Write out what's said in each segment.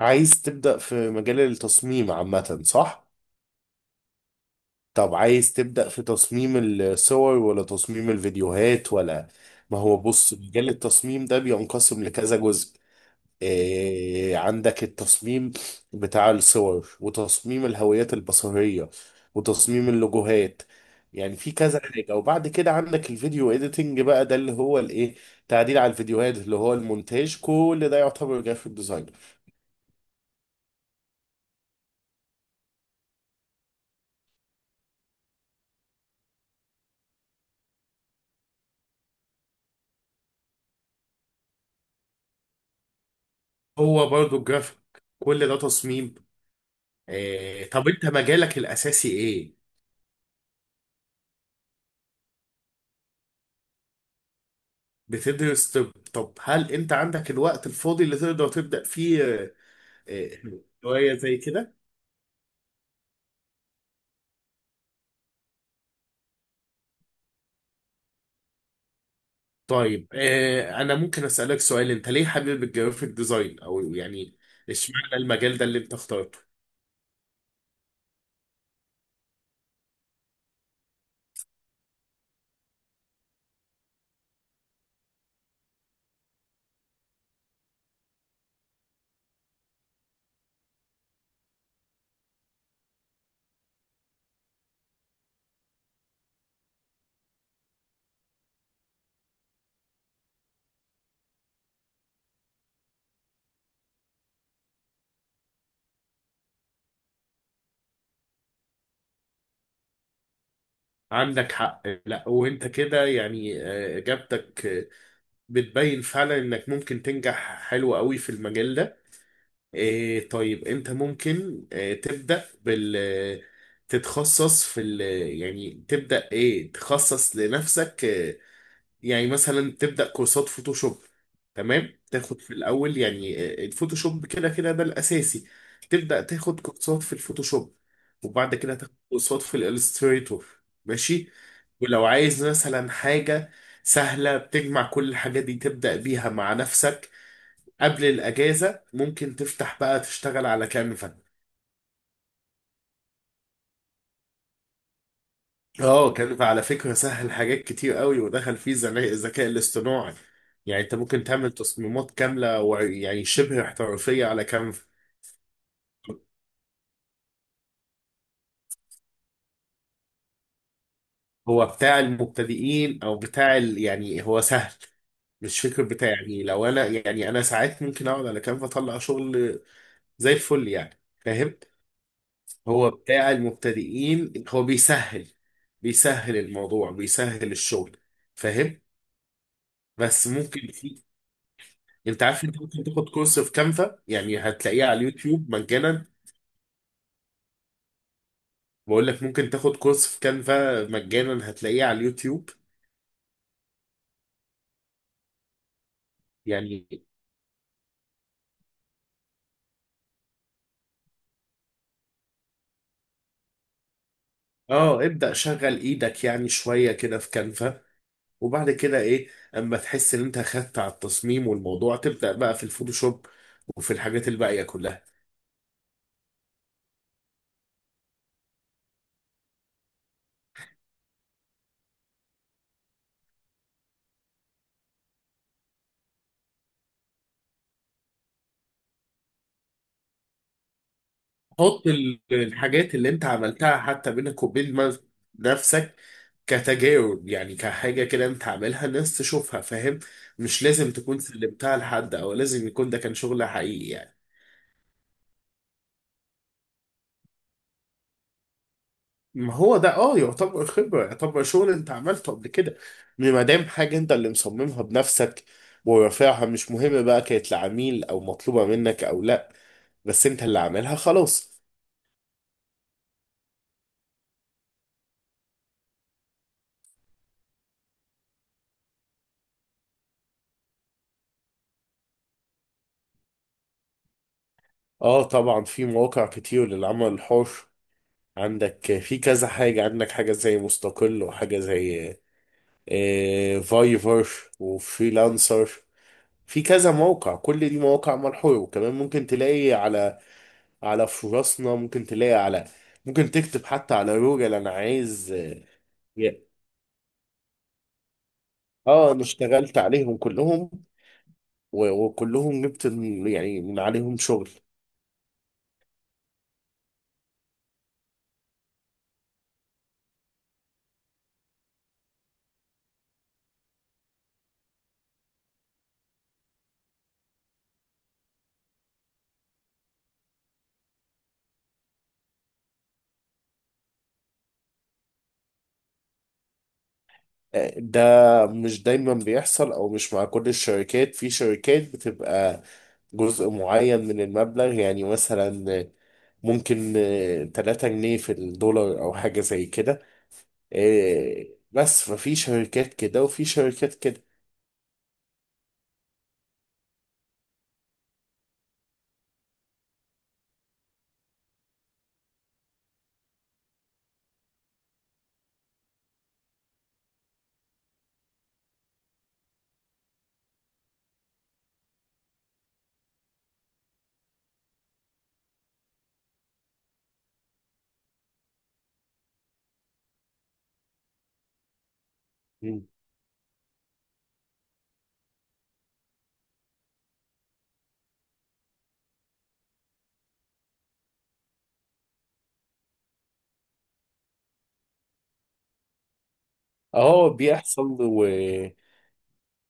عايز تبدأ في مجال التصميم عامة، صح؟ طب عايز تبدأ في تصميم الصور ولا تصميم الفيديوهات ولا... ما هو بص، مجال التصميم ده بينقسم لكذا جزء. إيه، عندك التصميم بتاع الصور، وتصميم الهويات البصرية، وتصميم اللوجوهات. يعني في كذا حاجة. وبعد كده عندك الفيديو اديتنج، بقى ده اللي هو الايه، تعديل على الفيديوهات اللي هو المونتاج. كل ده يعتبر جرافيك ديزاين. هو برضه الجرافيك، كل ده تصميم. إيه طب انت مجالك الاساسي ايه؟ بتدرس؟ طب طب هل انت عندك الوقت الفاضي اللي تقدر تبدأ فيه آه، هواية زي كده؟ طيب إيه، انا ممكن اسألك سؤال؟ انت ليه حابب الجرافيك ديزاين، او يعني اشمعنى المجال ده اللي انت اخترته؟ عندك حق. لا وانت كده يعني، اجابتك بتبين فعلا انك ممكن تنجح حلو قوي في المجال ده. إيه طيب، انت ممكن تبدأ بال... تتخصص في ال... يعني تبدأ ايه، تخصص لنفسك. يعني مثلا تبدأ كورسات فوتوشوب. تمام، تاخد في الأول يعني الفوتوشوب، كده كده ده الأساسي. تبدأ تاخد كورسات في الفوتوشوب، وبعد كده تاخد كورسات في الإلستريتور. ماشي. ولو عايز مثلا حاجة سهلة بتجمع كل الحاجات دي تبدأ بيها مع نفسك قبل الاجازه، ممكن تفتح بقى تشتغل على كانفا. اه، كانفا على فكره سهل، حاجات كتير قوي، ودخل فيه الذكاء الاصطناعي. يعني انت ممكن تعمل تصميمات كامله يعني شبه احترافيه على كانفا. هو بتاع المبتدئين او بتاع ال... يعني هو سهل. مش فكر بتاع، يعني لو انا، يعني انا ساعات ممكن اقعد على كانفا اطلع شغل زي الفل، يعني فاهم. هو بتاع المبتدئين، هو بيسهل، بيسهل الموضوع، بيسهل الشغل، فاهم. بس ممكن في... انت عارف انت ممكن تاخد كورس في كانفا، يعني هتلاقيه على اليوتيوب مجانا. بقول لك ممكن تاخد كورس في كانفا مجانا، هتلاقيه على اليوتيوب. يعني اه، ابدأ شغل ايدك يعني شوية كده في كانفا، وبعد كده ايه، اما تحس ان انت خدت على التصميم والموضوع، تبدأ بقى في الفوتوشوب وفي الحاجات الباقية كلها. حط الحاجات اللي انت عملتها حتى بينك وبين نفسك، كتجاوب يعني، كحاجة كده انت عاملها، الناس تشوفها، فاهم. مش لازم تكون سلمتها لحد او لازم يكون ده كان شغل حقيقي يعني. ما هو ده اه يعتبر خبرة، يعتبر شغل انت عملته قبل كده. ما دام حاجة انت اللي مصممها بنفسك ورافعها، مش مهم بقى كانت لعميل او مطلوبة منك او لا، بس انت اللي عاملها، خلاص. اه طبعا في مواقع كتير للعمل الحر. عندك في كذا حاجة، عندك حاجة زي مستقل، وحاجة زي فايفر، وفريلانسر. في كذا موقع، كل دي مواقع مرحولة. وكمان ممكن تلاقي على... على فرصنا ممكن تلاقي على... ممكن تكتب حتى على جوجل انا عايز اه. انا اشتغلت عليهم كلهم، وكلهم جبت يعني من عليهم شغل. ده مش دايما بيحصل، او مش مع كل الشركات. في شركات بتبقى جزء معين من المبلغ، يعني مثلا ممكن 3 جنيه في الدولار او حاجة زي كده. إيه، بس ففي شركات كده وفي شركات كده. مم. اه بيحصل، و...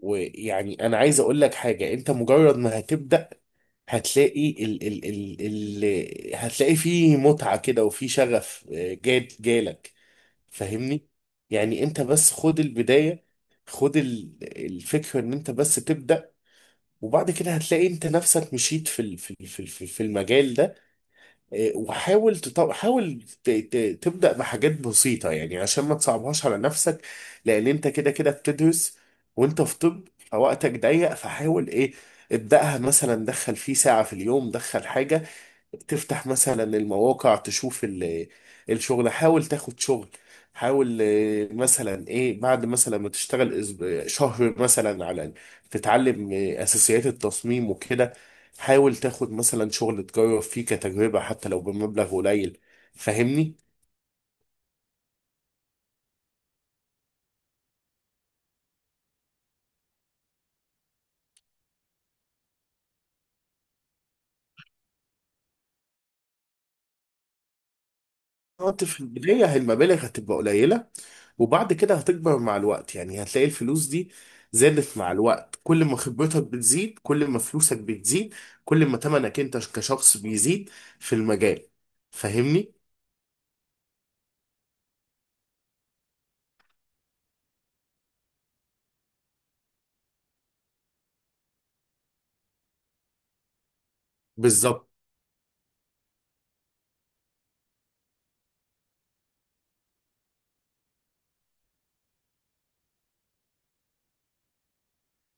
ويعني انا عايز اقول لك حاجة، انت مجرد ما هتبدأ هتلاقي ال... ال... ال... ال... هتلاقي فيه متعة كده، وفيه شغف إيه، جات جالك، فاهمني. يعني انت بس خد البداية، خد الفكرة ان انت بس تبدأ، وبعد كده هتلاقي انت نفسك مشيت في المجال ده. اه، وحاول تبدأ بحاجات بسيطة يعني، عشان ما تصعبهاش على نفسك. لان انت كده كده بتدرس وانت في طب، فوقتك ضيق، فحاول ايه، ابدأها مثلا، دخل فيه ساعة في اليوم، دخل حاجة، تفتح مثلا المواقع تشوف الشغل، حاول تاخد شغل، حاول مثلا ايه، بعد مثلا ما تشتغل شهر مثلا على... تتعلم اساسيات التصميم وكده، حاول تاخد مثلا شغل تجرب فيه كتجربة حتى لو بمبلغ قليل، فاهمني. انت في البداية هي المبالغ هتبقى قليلة، وبعد كده هتكبر مع الوقت. يعني هتلاقي الفلوس دي زادت مع الوقت، كل ما خبرتك بتزيد كل ما فلوسك بتزيد، كل ما تمنك انت كشخص بيزيد في المجال، فاهمني؟ بالظبط.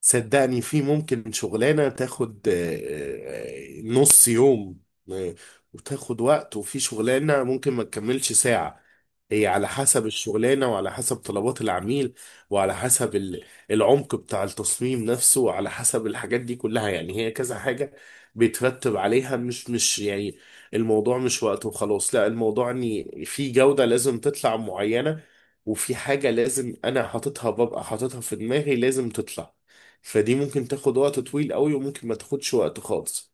صدقني في ممكن شغلانة تاخد نص يوم آه، وتاخد وقت، وفي شغلانة ممكن ما تكملش ساعة. هي على حسب الشغلانة، وعلى حسب طلبات العميل، وعلى حسب العمق بتاع التصميم نفسه، وعلى حسب الحاجات دي كلها. يعني هي كذا حاجة بيترتب عليها، مش مش يعني الموضوع مش وقت وخلاص، لا، الموضوع ان في جودة لازم تطلع معينة، وفي حاجة لازم انا حاططها ببقى حاططها في دماغي لازم تطلع. فدي ممكن تاخد وقت طويل قوي، وممكن ما تاخدش وقت خالص.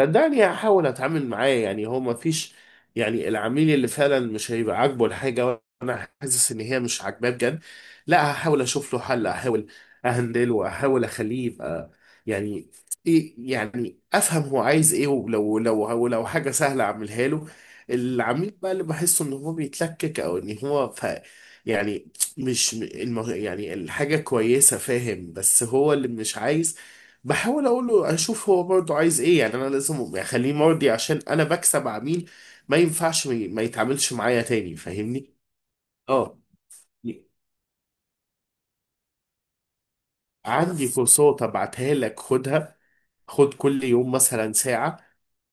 صدقني هحاول اتعامل معاه. يعني هو ما فيش، يعني العميل اللي فعلا مش هيبقى عاجبه الحاجه وانا حاسس ان هي مش عاجباه بجد، لا هحاول اشوف له حل، احاول اهندله، احاول اخليه يبقى يعني ايه، يعني افهم هو عايز ايه، ولو لو لو حاجه سهله اعملها له. العميل بقى اللي بحسه ان هو بيتلكك، او ان هو ف... يعني مش يعني الحاجه كويسه فاهم، بس هو اللي مش عايز، بحاول اقول له اشوف هو برضه عايز ايه. يعني انا لازم اخليه مرضي، عشان انا بكسب عميل. ما ينفعش ما يتعاملش معايا تاني، فاهمني. اه عندي كورسات ابعتها لك خدها، خد كل يوم مثلا ساعة.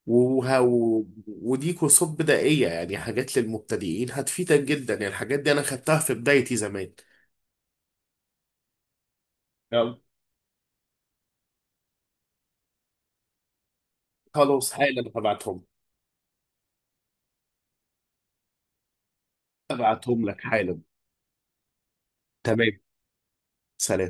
وه... و... ودي كورسات بدائية يعني، حاجات للمبتدئين، هتفيدك جدا يعني. الحاجات دي انا خدتها في بدايتي زمان. يلا. خلاص حالا هبعتهم، هبعتهم لك حالا. تمام. سلام.